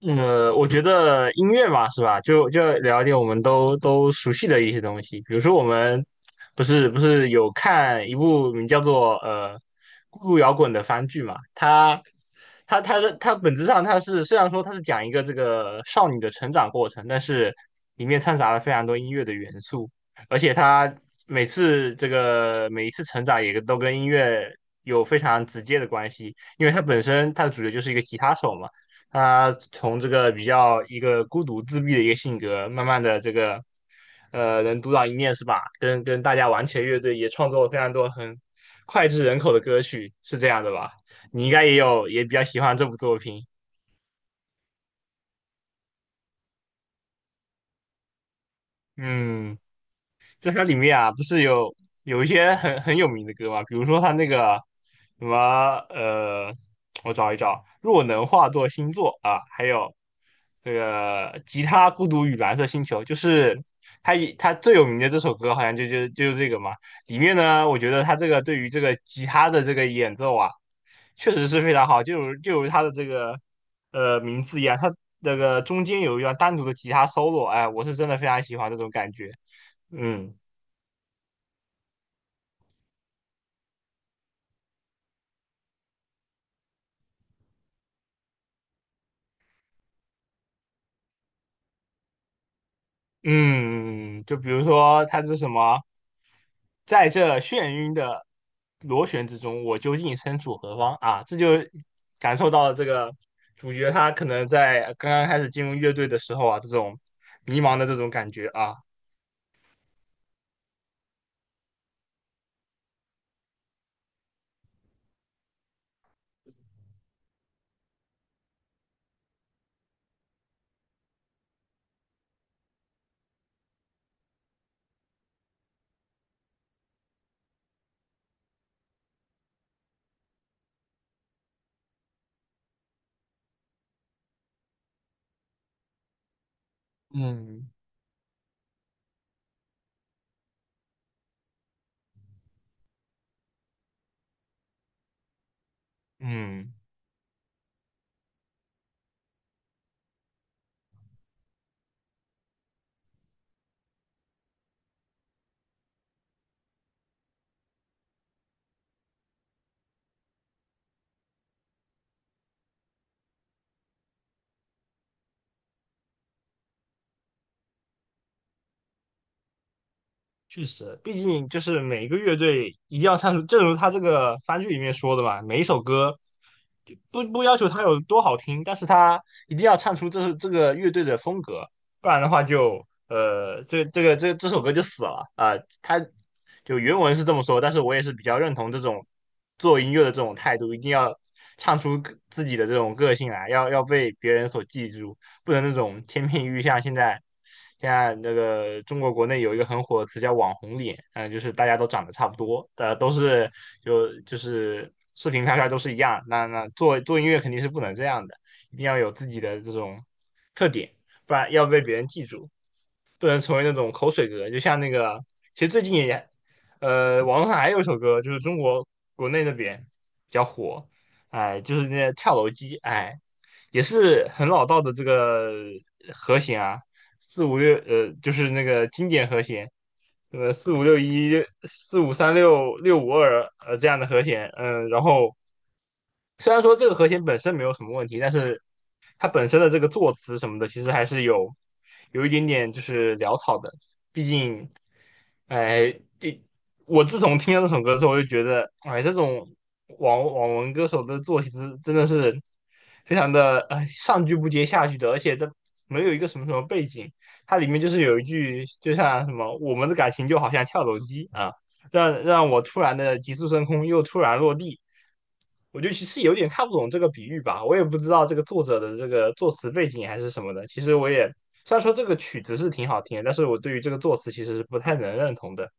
我觉得音乐嘛，是吧？就聊一点我们都熟悉的一些东西，比如说我们不是有看一部名叫做《孤独摇滚》的番剧嘛？它本质上它是虽然说它是讲一个这个少女的成长过程，但是里面掺杂了非常多音乐的元素，而且它每次这个每一次成长也都跟音乐有非常直接的关系，因为它本身它的主角就是一个吉他手嘛。他从这个比较一个孤独自闭的一个性格，慢慢的这个能独当一面是吧？跟大家玩起了乐队，也创作了非常多很脍炙人口的歌曲，是这样的吧？你应该也有也比较喜欢这部作品。嗯。在它里面啊，不是有一些很有名的歌嘛，比如说它那个什么呃，我找一找，若能化作星座啊，还有这个吉他孤独与蓝色星球，就是它以它最有名的这首歌，好像就是这个嘛。里面呢，我觉得它这个对于这个吉他的这个演奏啊，确实是非常好，就如它的这个名字一样，它那个中间有一段单独的吉他 solo,哎，我是真的非常喜欢这种感觉，嗯。嗯，就比如说它是什么，在这眩晕的螺旋之中，我究竟身处何方啊？这就感受到了这个主角他可能在刚刚开始进入乐队的时候啊，这种迷茫的这种感觉啊，嗯，嗯。确实，毕竟就是每个乐队一定要唱出，正如他这个番剧里面说的嘛，每一首歌就不要求它有多好听，但是它一定要唱出这是这个乐队的风格，不然的话就这个这首歌就死了啊。他就原文是这么说，但是我也是比较认同这种做音乐的这种态度，一定要唱出个自己的这种个性来，要被别人所记住。不能那种千篇一律。像现在，现在那个中国国内有一个很火的词叫“网红脸”，嗯、就是大家都长得差不多，都是就是视频拍出来都是一样。那做音乐肯定是不能这样的，一定要有自己的这种特点，不然要被别人记住。不能成为那种口水歌，就像那个，其实最近也，网络上还有一首歌，就是中国国内那边比较火，哎，就是那个跳楼机，哎，也是很老道的这个和弦啊，四五六，就是那个经典和弦，四五六一、四五三六、六五二，这样的和弦，嗯，然后虽然说这个和弦本身没有什么问题，但是它本身的这个作词什么的，其实还是有有一点点就是潦草的。毕竟，哎，这我自从听了这首歌之后，我就觉得，哎，这种网文歌手的作词真的是非常的，哎，上句不接下句的，而且这没有一个什么背景，它里面就是有一句，就像什么，我们的感情就好像跳楼机啊。让我突然的急速升空，又突然落地。我就其实有点看不懂这个比喻吧，我也不知道这个作者的这个作词背景还是什么的。其实我也虽然说这个曲子是挺好听的，但是我对于这个作词其实是不太能认同的。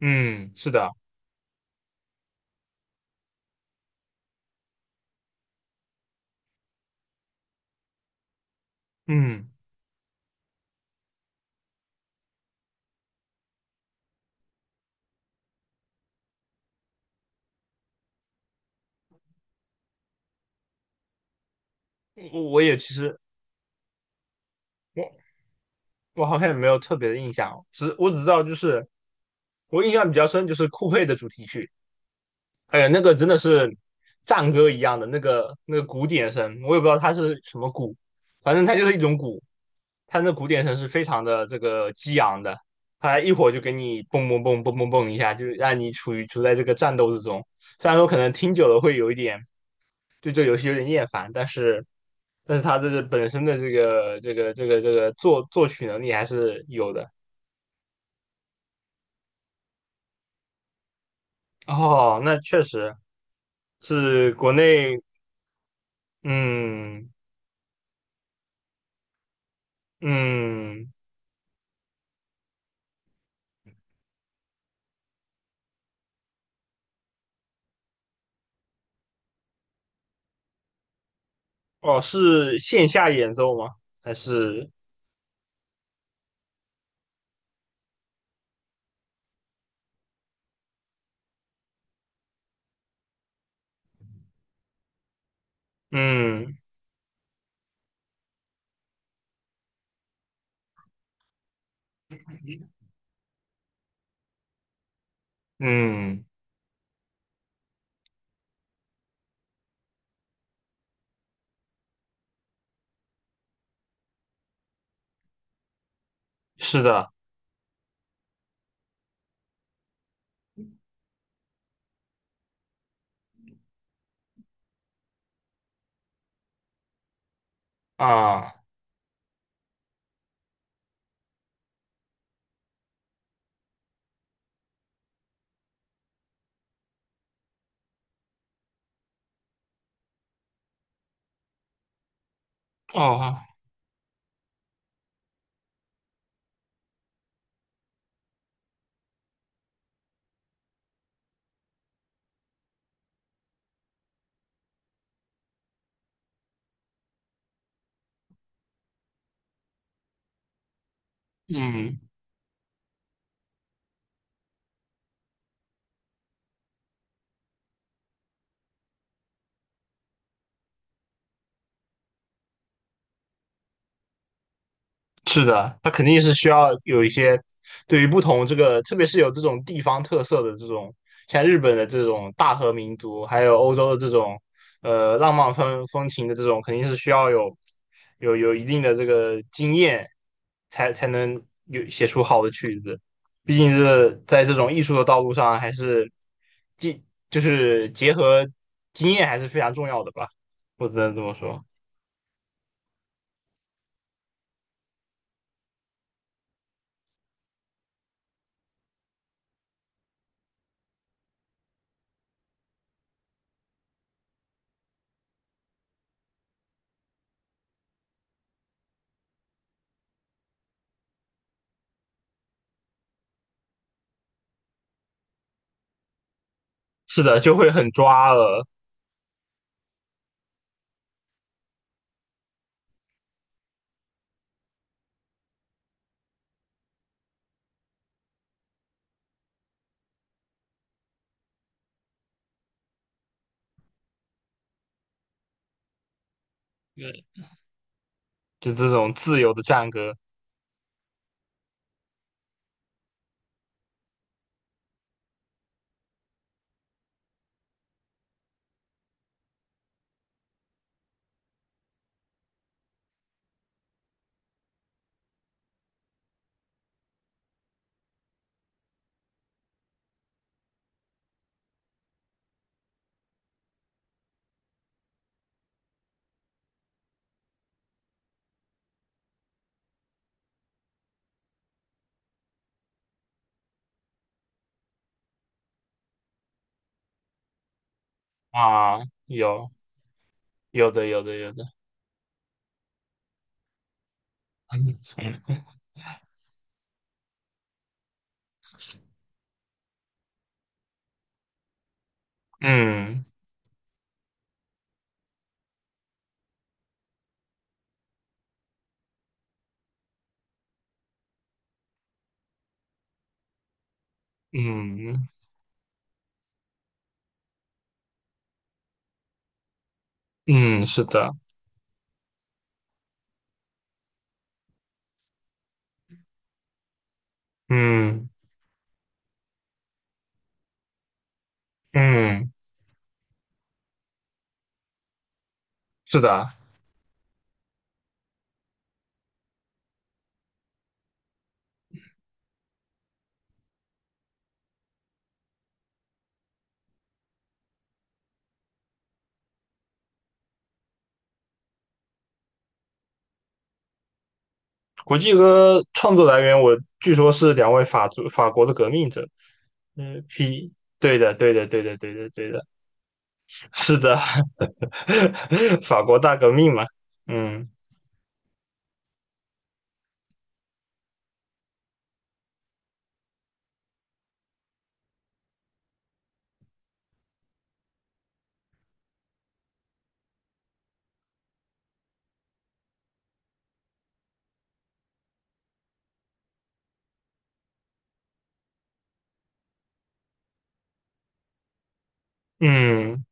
嗯，是的。嗯，我也其实我我好像也没有特别的印象，只我只知道就是我印象比较深就是酷配的主题曲。哎呀，那个真的是战歌一样的那个那个鼓点声，我也不知道它是什么鼓，反正它就是一种鼓，它那鼓点声是非常的这个激昂的，它一会儿就给你蹦蹦蹦蹦蹦蹦一下，就让你处在这个战斗之中。虽然说可能听久了会有一点对这个游戏有点厌烦，但是但是它这个本身的这个作曲能力还是有的。哦，那确实是国内。嗯嗯。哦，是线下演奏吗？还是嗯嗯，是的啊哦嗯。是的，它肯定是需要有一些对于不同这个，特别是有这种地方特色的这种，像日本的这种大和民族，还有欧洲的这种浪漫风情的这种，肯定是需要有有一定的这个经验，才能有写出好的曲子。毕竟是在这种艺术的道路上，还是经就是结合经验还是非常重要的吧，我只能这么说。是的，就会很抓了。就这种自由的战歌啊，有有的有的，嗯嗯嗯，是的，嗯嗯，是的。国际歌创作来源，我据说是两位法国的革命者，嗯，P,对的对的对的对的对的，是的，法国大革命嘛，嗯嗯，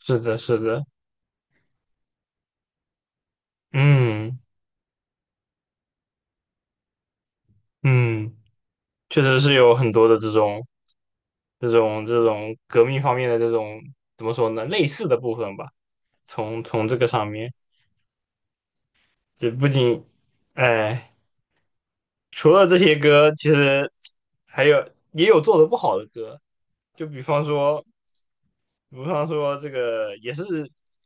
是的是的，嗯嗯，确实是有很多的这种这种革命方面的这种怎么说呢，类似的部分吧。从从这个上面，这不仅，哎，除了这些歌，其实还有也有做的不好的歌，就比方说。比方说这个也是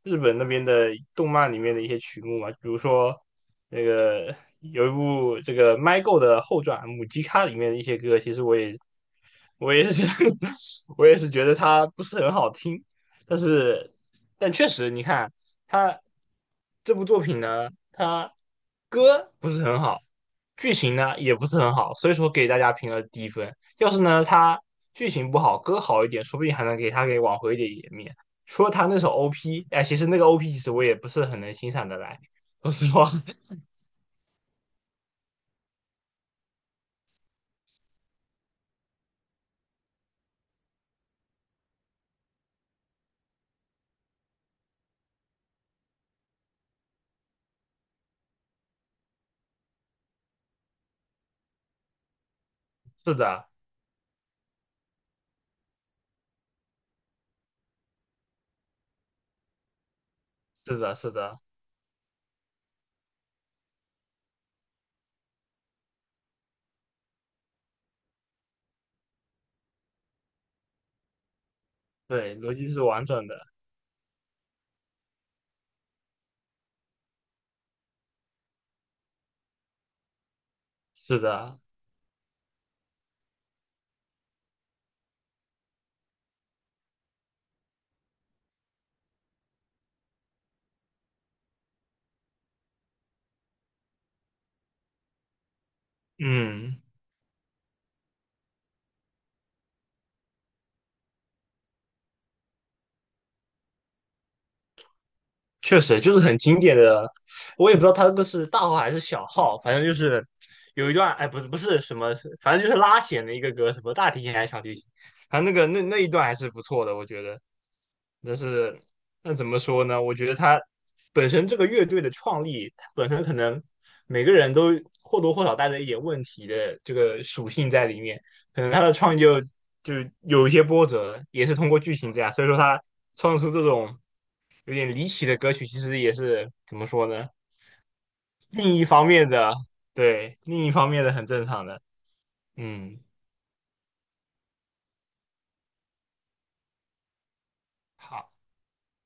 日本那边的动漫里面的一些曲目嘛，比如说那个有一部这个《My Go》的后传《母鸡咖》里面的一些歌，其实我也我也是 我也是觉得它不是很好听，但是但确实你看它这部作品呢，它歌不是很好，剧情呢也不是很好，所以说给大家评了低分。要是呢，他剧情不好，歌好一点，说不定还能给他给挽回一点颜面。除了他那首 OP,哎，其实那个 OP 其实我也不是很能欣赏的来，说实话。是的，是的，是的，对，逻辑是完整的，是的，嗯。确实就是很经典的，我也不知道他那个是大号还是小号，反正就是有一段，哎，不是什么，反正就是拉弦的一个歌，什么大提琴还是小提琴，反正那个那一段还是不错的，我觉得。但是那怎么说呢？我觉得他本身这个乐队的创立，它本身可能每个人都或多或少带着一点问题的这个属性在里面，可能他的创意就就有一些波折，也是通过剧情这样，所以说他创作出这种有点离奇的歌曲，其实也是怎么说呢？另一方面的，对，另一方面的很正常的，嗯，好。